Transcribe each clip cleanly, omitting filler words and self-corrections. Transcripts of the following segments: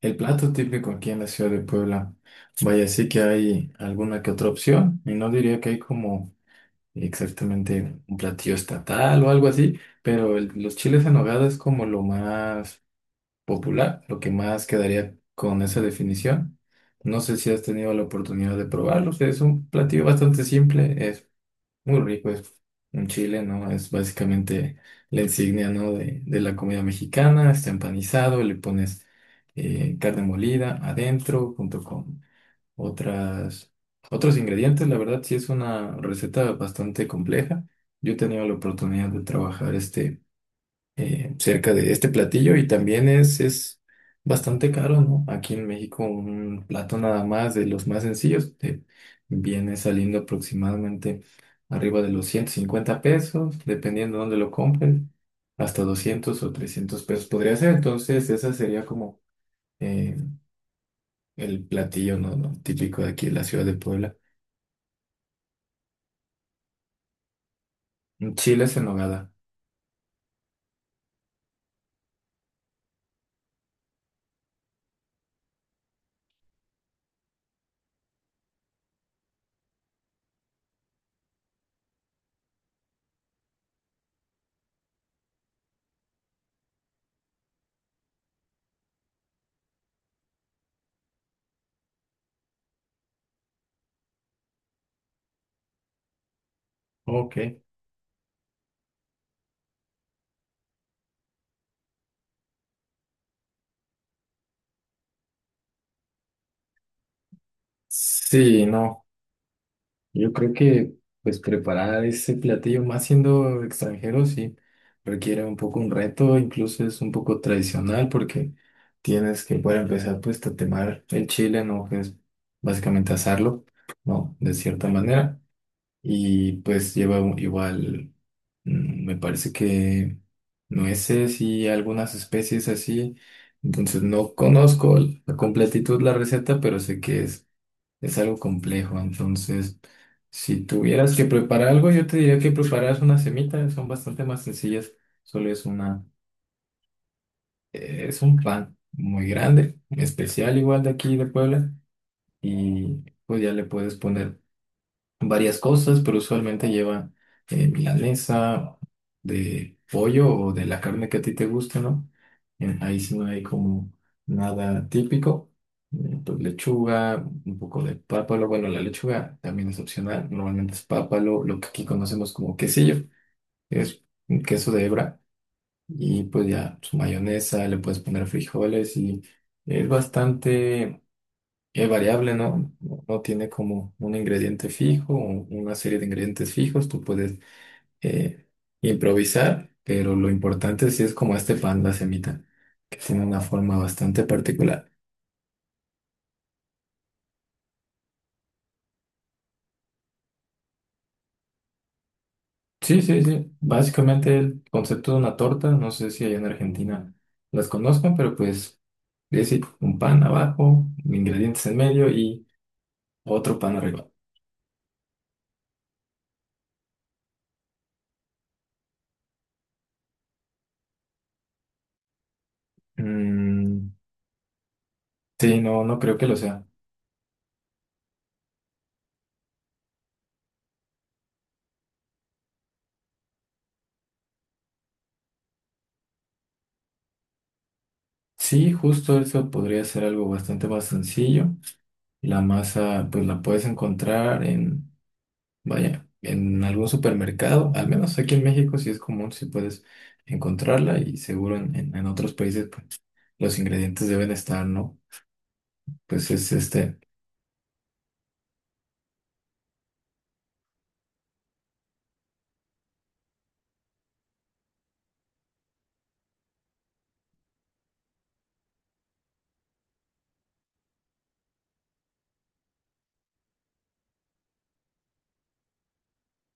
El plato típico aquí en la ciudad de Puebla, vaya, sí que hay alguna que otra opción, y no diría que hay como exactamente un platillo estatal o algo así, pero los chiles en nogada es como lo más popular, lo que más quedaría con esa definición. No sé si has tenido la oportunidad de probarlo, o sea, es un platillo bastante simple, muy rico, es un chile, ¿no? Es básicamente la insignia, ¿no? De la comida mexicana, está empanizado, le pones carne molida adentro junto con otras, otros ingredientes. La verdad, sí es una receta bastante compleja. Yo he tenido la oportunidad de trabajar este cerca de este platillo y también es bastante caro, ¿no? Aquí en México un plato nada más de los más sencillos te viene saliendo aproximadamente arriba de los 150 pesos, dependiendo dónde lo compren, hasta 200 o 300 pesos podría ser. Entonces, esa sería como eh, el platillo, ¿no? Típico de aquí de la ciudad de Puebla. Chiles en nogada. Ok. Sí, no. Yo creo que pues preparar ese platillo, más siendo extranjero, sí, requiere un poco un reto, incluso es un poco tradicional porque tienes que, para empezar, pues tatemar el chile, ¿no? Que es básicamente asarlo, ¿no? De cierta manera. Y pues lleva igual, mm, me parece que nueces y algunas especies así. Entonces no conozco a completitud la receta, pero sé que es algo complejo, entonces, si tuvieras que preparar algo, yo te diría que preparas una semita son bastante más sencillas, solo es una, es un pan muy grande, especial igual de aquí de Puebla, y pues ya le puedes poner varias cosas, pero usualmente lleva milanesa de pollo o de la carne que a ti te guste, ¿no? Ahí sí no hay como nada típico. Pues lechuga, un poco de pápalo. Bueno, la lechuga también es opcional. Normalmente es pápalo, lo que aquí conocemos como quesillo, que es un queso de hebra. Y pues ya su mayonesa, le puedes poner frijoles y es bastante. Es variable, ¿no? No tiene como un ingrediente fijo, o una serie de ingredientes fijos. Tú puedes eh, improvisar, pero lo importante sí es como este pan, la semita, que tiene una forma bastante particular. Sí, sí, sí. Básicamente el concepto de una torta, no sé si allá en Argentina las conozcan, pero pues es decir, un pan abajo, ingredientes en medio y otro pan arriba. Mm, sí, no, no creo que lo sea. Sí, justo eso podría ser algo bastante más sencillo. La masa, pues la puedes encontrar en, vaya, en algún supermercado, al menos aquí en México sí es común, si puedes encontrarla y seguro en, en otros países, pues los ingredientes deben estar, ¿no? Pues es este,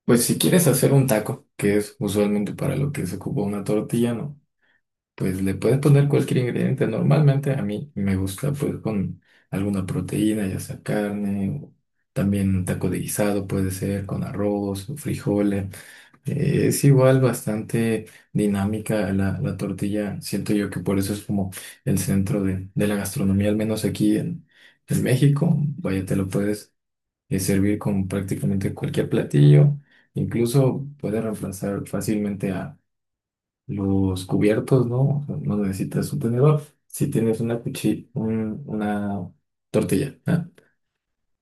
pues si quieres hacer un taco, que es usualmente para lo que se ocupa una tortilla, ¿no? Pues le puedes poner cualquier ingrediente. Normalmente a mí me gusta pues con alguna proteína, ya sea carne, o también un taco de guisado puede ser con arroz, frijoles. Es igual bastante dinámica la tortilla. Siento yo que por eso es como el centro de la gastronomía, al menos aquí en México. Vaya, te lo puedes servir con prácticamente cualquier platillo. Incluso puede reemplazar fácilmente a los cubiertos, ¿no? O sea, no necesitas un tenedor si tienes una cuchilla, una tortilla, ¿ah?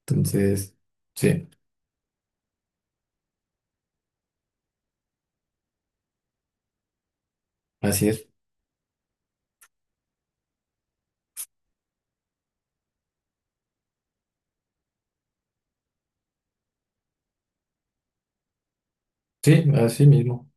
Entonces, sí, así es. Sí, así mismo.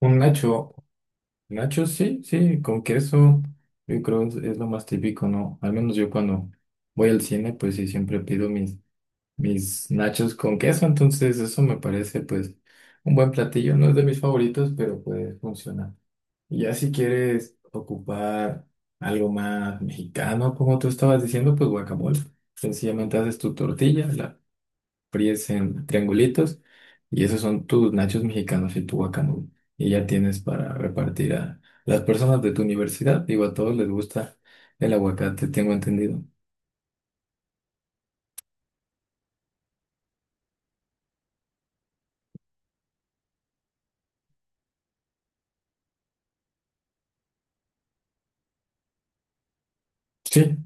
Un nacho. Nachos, sí, sí, con queso, yo creo es lo más típico, ¿no? Al menos yo cuando voy al cine, pues sí, siempre pido mis nachos con queso, entonces eso me parece pues un buen platillo, no es de mis favoritos, pero puede funcionar. Y ya si quieres ocupar algo más mexicano, como tú estabas diciendo, pues guacamole. Sencillamente haces tu tortilla, la fríes en triangulitos y esos son tus nachos mexicanos y tu guacamole. Y ya tienes para repartir a las personas de tu universidad. Digo, a todos les gusta el aguacate, tengo entendido. Sí,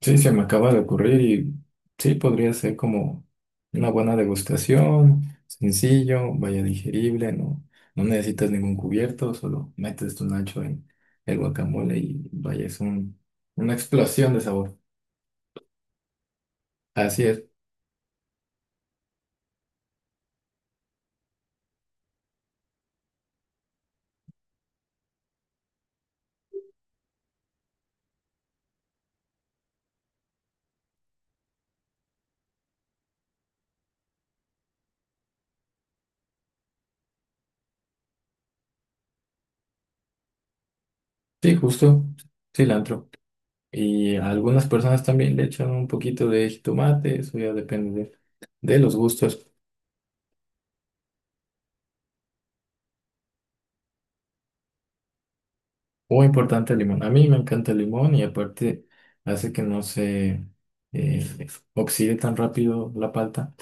sí, se me acaba de ocurrir y sí, podría ser como una buena degustación, sencillo, vaya digerible, no, no necesitas ningún cubierto, solo metes tu nacho en el guacamole y vaya, es un, una explosión de sabor. Así es, sí, justo, cilantro. Y a algunas personas también le echan un poquito de jitomate, eso ya depende de los gustos. Muy importante el limón. A mí me encanta el limón y aparte hace que no se eh, oxide tan rápido la palta.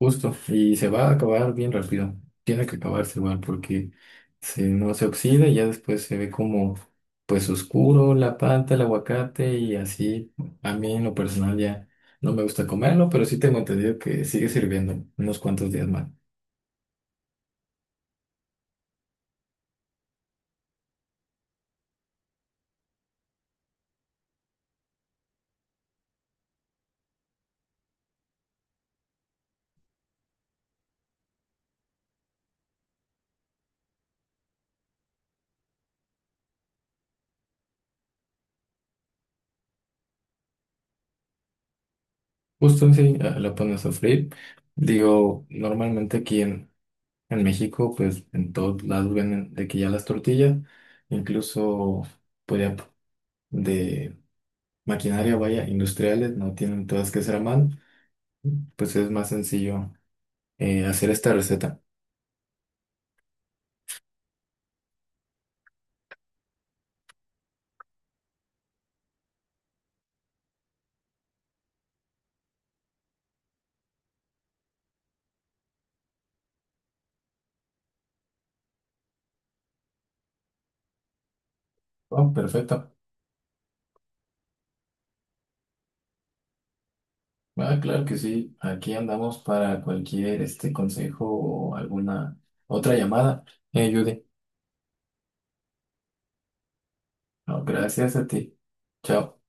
Justo. Y se va a acabar bien rápido. Tiene que acabarse igual porque se, no se oxida y ya después se ve como pues oscuro la palta, el aguacate y así. A mí en lo personal ya no me gusta comerlo, pero sí tengo entendido que sigue sirviendo unos cuantos días más. Justo sí, ah, lo pones a sofreír. Digo, normalmente aquí en México, pues en todos lados venden de que ya las tortillas, incluso pues ya de maquinaria, vaya, industriales, no tienen todas que ser a mano, pues es más sencillo hacer esta receta. Oh, perfecto. Ah, claro que sí. Aquí andamos para cualquier este consejo o alguna otra llamada. Judy. No, gracias a ti. Chao.